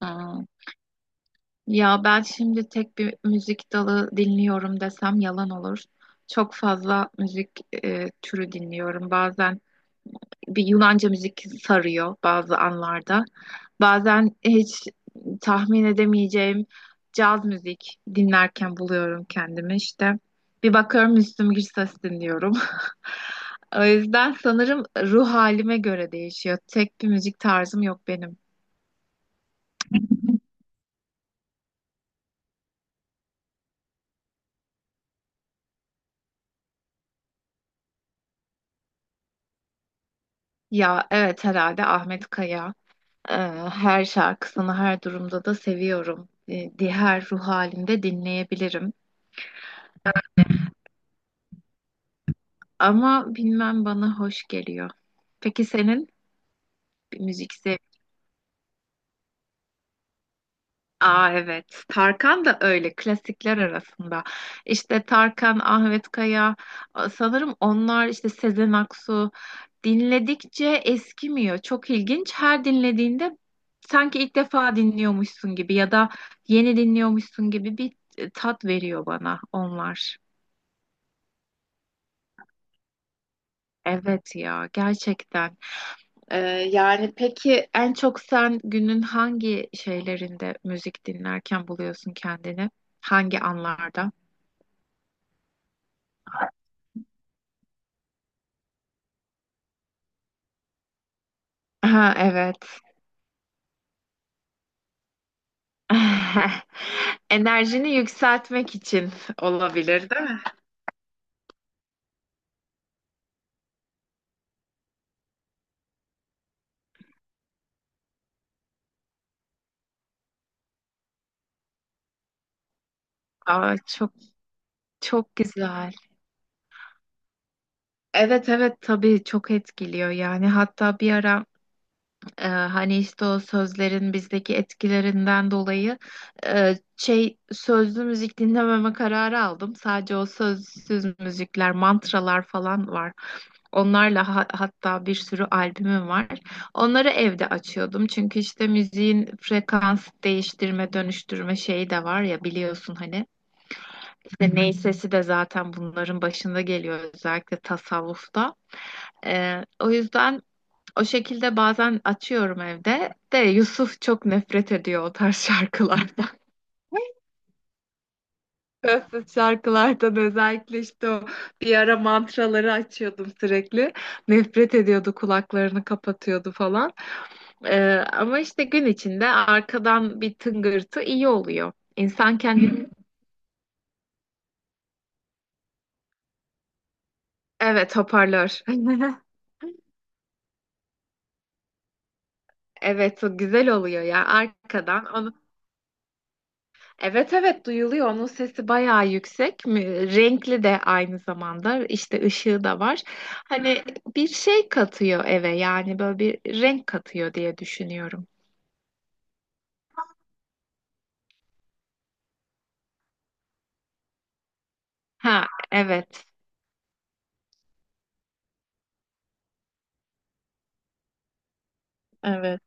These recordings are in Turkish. Aa, ya ben şimdi tek bir müzik dalı dinliyorum desem yalan olur. Çok fazla müzik türü dinliyorum. Bazen bir Yunanca müzik sarıyor bazı anlarda. Bazen hiç tahmin edemeyeceğim caz müzik dinlerken buluyorum kendimi işte. Bir bakıyorum Müslüm Gürses dinliyorum. O yüzden sanırım ruh halime göre değişiyor. Tek bir müzik tarzım yok benim. Ya evet, herhalde Ahmet Kaya. Ee, Her şarkısını her durumda da seviyorum. Diğer ruh halinde dinleyebilirim. Ama bilmem, bana hoş geliyor. Peki senin bir müzik. Aa, evet. Tarkan da öyle klasikler arasında. İşte Tarkan, Ahmet Kaya, sanırım onlar işte Sezen Aksu dinledikçe eskimiyor. Çok ilginç. Her dinlediğinde sanki ilk defa dinliyormuşsun gibi ya da yeni dinliyormuşsun gibi bir tat veriyor bana onlar. Evet ya, gerçekten. Ee, Yani peki en çok sen günün hangi şeylerinde müzik dinlerken buluyorsun kendini? Hangi anlarda? Ha, evet. Enerjini yükseltmek için olabilir, değil mi? Aa, çok çok güzel. Evet, evet, tabii çok etkiliyor yani, hatta bir ara hani işte o sözlerin bizdeki etkilerinden dolayı şey sözlü müzik dinlememe kararı aldım. Sadece o sözsüz müzikler, mantralar falan var. Onlarla hatta bir sürü albümüm var. Onları evde açıyordum. Çünkü işte müziğin frekans değiştirme, dönüştürme şeyi de var ya, biliyorsun hani. Hı. İşte ney sesi de zaten bunların başında geliyor, özellikle tasavvufta. O yüzden o şekilde bazen açıyorum evde. De Yusuf çok nefret ediyor o tarz şarkılardan. Sözsüz şarkılardan, özellikle işte o bir ara mantraları açıyordum sürekli. Nefret ediyordu, kulaklarını kapatıyordu falan. Ee, Ama işte gün içinde arkadan bir tıngırtı iyi oluyor. İnsan kendini. Hı. Evet, hoparlör. Evet, o güzel oluyor ya arkadan. Onu. Evet, evet, duyuluyor. Onun sesi bayağı yüksek. Renkli de aynı zamanda. İşte ışığı da var. Hani bir şey katıyor eve, yani böyle bir renk katıyor diye düşünüyorum. Ha, evet. Evet.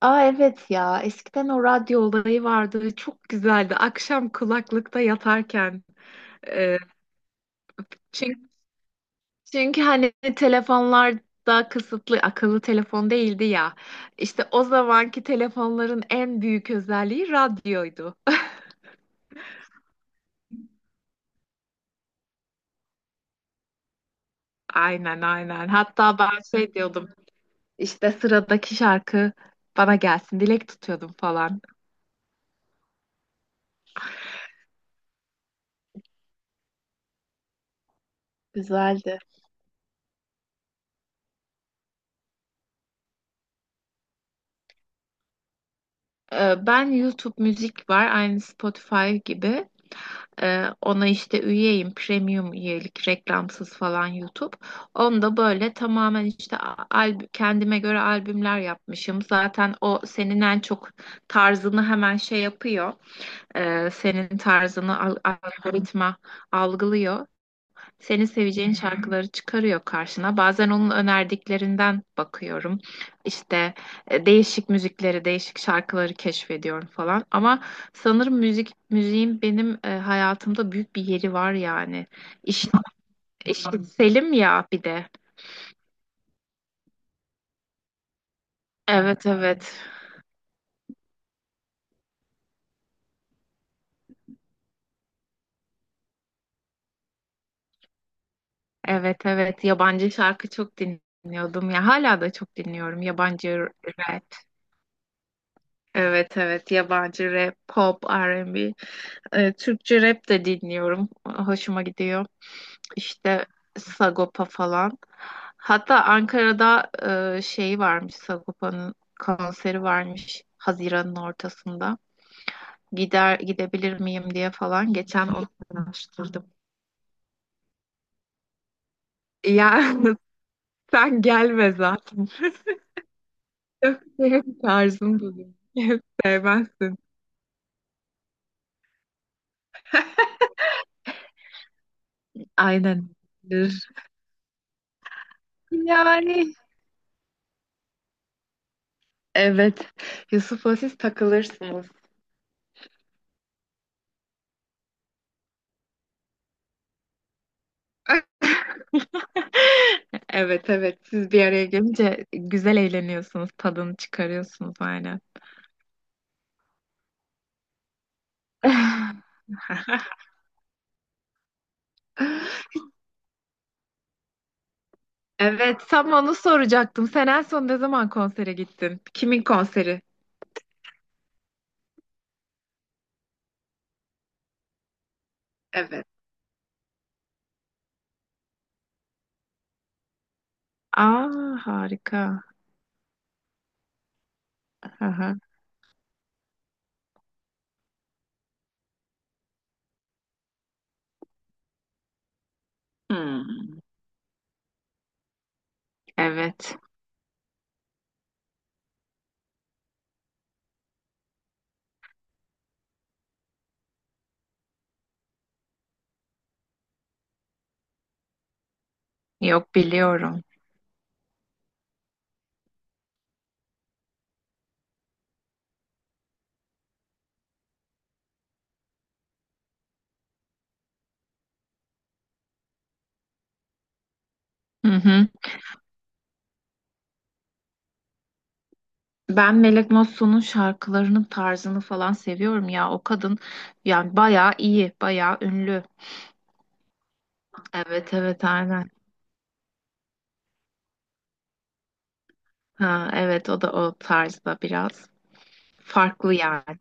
Aa, evet ya. Eskiden o radyo olayı vardı. Çok güzeldi. Akşam kulaklıkta yatarken. Ee, çünkü hani telefonlar daha kısıtlı, akıllı telefon değildi ya. İşte o zamanki telefonların en büyük özelliği radyoydu. Aynen, aynen. Hatta ben şey diyordum, işte sıradaki şarkı bana gelsin dilek tutuyordum falan. Güzeldi. Ben YouTube müzik var, aynı Spotify gibi. Ona işte üyeyim, premium üyelik, reklamsız falan YouTube. Onda böyle tamamen işte kendime göre albümler yapmışım. Zaten o senin en çok tarzını hemen şey yapıyor. Senin tarzını algoritma algılıyor. Senin seveceğin şarkıları çıkarıyor karşına. Bazen onun önerdiklerinden bakıyorum. İşte değişik müzikleri, değişik şarkıları keşfediyorum falan. Ama sanırım müziğin benim hayatımda büyük bir yeri var yani. İş, işitselim ya bir de. Evet, evet. Evet, evet. Yabancı şarkı çok dinliyordum ya. Hala da çok dinliyorum yabancı rap. Evet, evet, yabancı rap, pop, R&B. Türkçe rap de dinliyorum. Hoşuma gidiyor. İşte Sagopa falan. Hatta Ankara'da şey varmış, Sagopa'nın konseri varmış Haziran'ın ortasında. Gider gidebilir miyim diye falan geçen onu araştırdım. Ya sen gelme zaten. Yok, benim tarzım bu değil. Sevmezsin. Aynen. Yani. Evet. Yusuf'la siz takılırsınız. Evet, evet. Siz bir araya gelince güzel eğleniyorsunuz. Tadını çıkarıyorsunuz aynen. Evet, tam onu soracaktım. Sen en son ne zaman konsere gittin? Kimin konseri? Evet. Aa, harika. Aha. Hmm. Evet. Yok, biliyorum. Hı hı. Ben Melek Mosso'nun şarkılarının tarzını falan seviyorum ya. O kadın yani bayağı iyi, bayağı ünlü. Evet, evet, aynen. Ha, evet, o da o tarzda biraz farklı yani.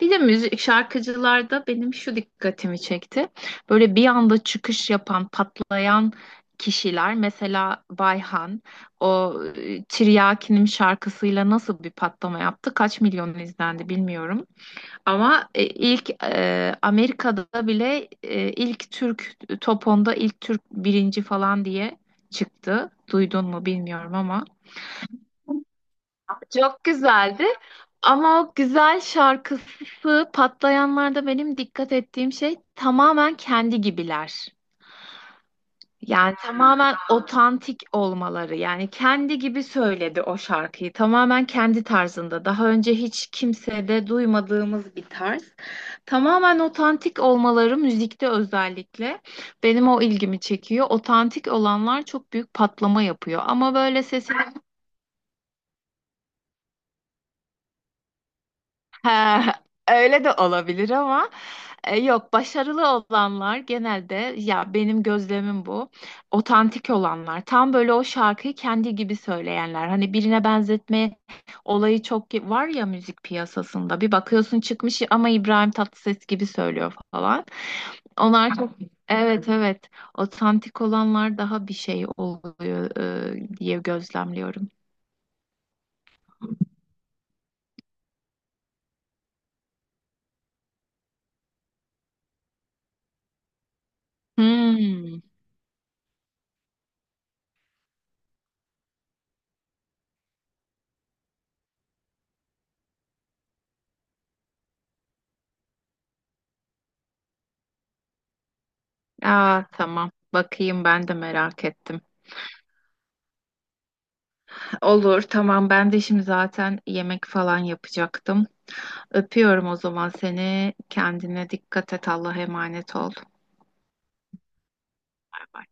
Bir de müzik şarkıcılarda benim şu dikkatimi çekti. Böyle bir anda çıkış yapan, patlayan kişiler, mesela Bayhan o Tiryakinim şarkısıyla nasıl bir patlama yaptı? Kaç milyon izlendi bilmiyorum. Ama ilk Amerika'da bile ilk Türk top 10'da ilk Türk birinci falan diye çıktı. Duydun mu bilmiyorum ama. Çok güzeldi. Ama o güzel şarkısı patlayanlarda benim dikkat ettiğim şey tamamen kendi gibiler. Yani tamamen otantik olmaları. Yani kendi gibi söyledi o şarkıyı. Tamamen kendi tarzında. Daha önce hiç kimsede duymadığımız bir tarz. Tamamen otantik olmaları müzikte özellikle benim o ilgimi çekiyor. Otantik olanlar çok büyük patlama yapıyor. Ama böyle sesini. Ha, öyle de olabilir ama yok, başarılı olanlar genelde ya, benim gözlemim bu. Otantik olanlar tam böyle o şarkıyı kendi gibi söyleyenler. Hani birine benzetme olayı çok var ya müzik piyasasında. Bir bakıyorsun çıkmış ama İbrahim Tatlıses gibi söylüyor falan. Onlar çok. Evet, evet, otantik olanlar daha bir şey oluyor diye gözlemliyorum. Hmm. Aa, tamam. Bakayım, ben de merak ettim. Olur, tamam. Ben de şimdi zaten yemek falan yapacaktım. Öpüyorum o zaman seni. Kendine dikkat et. Allah'a emanet ol. Bay bay.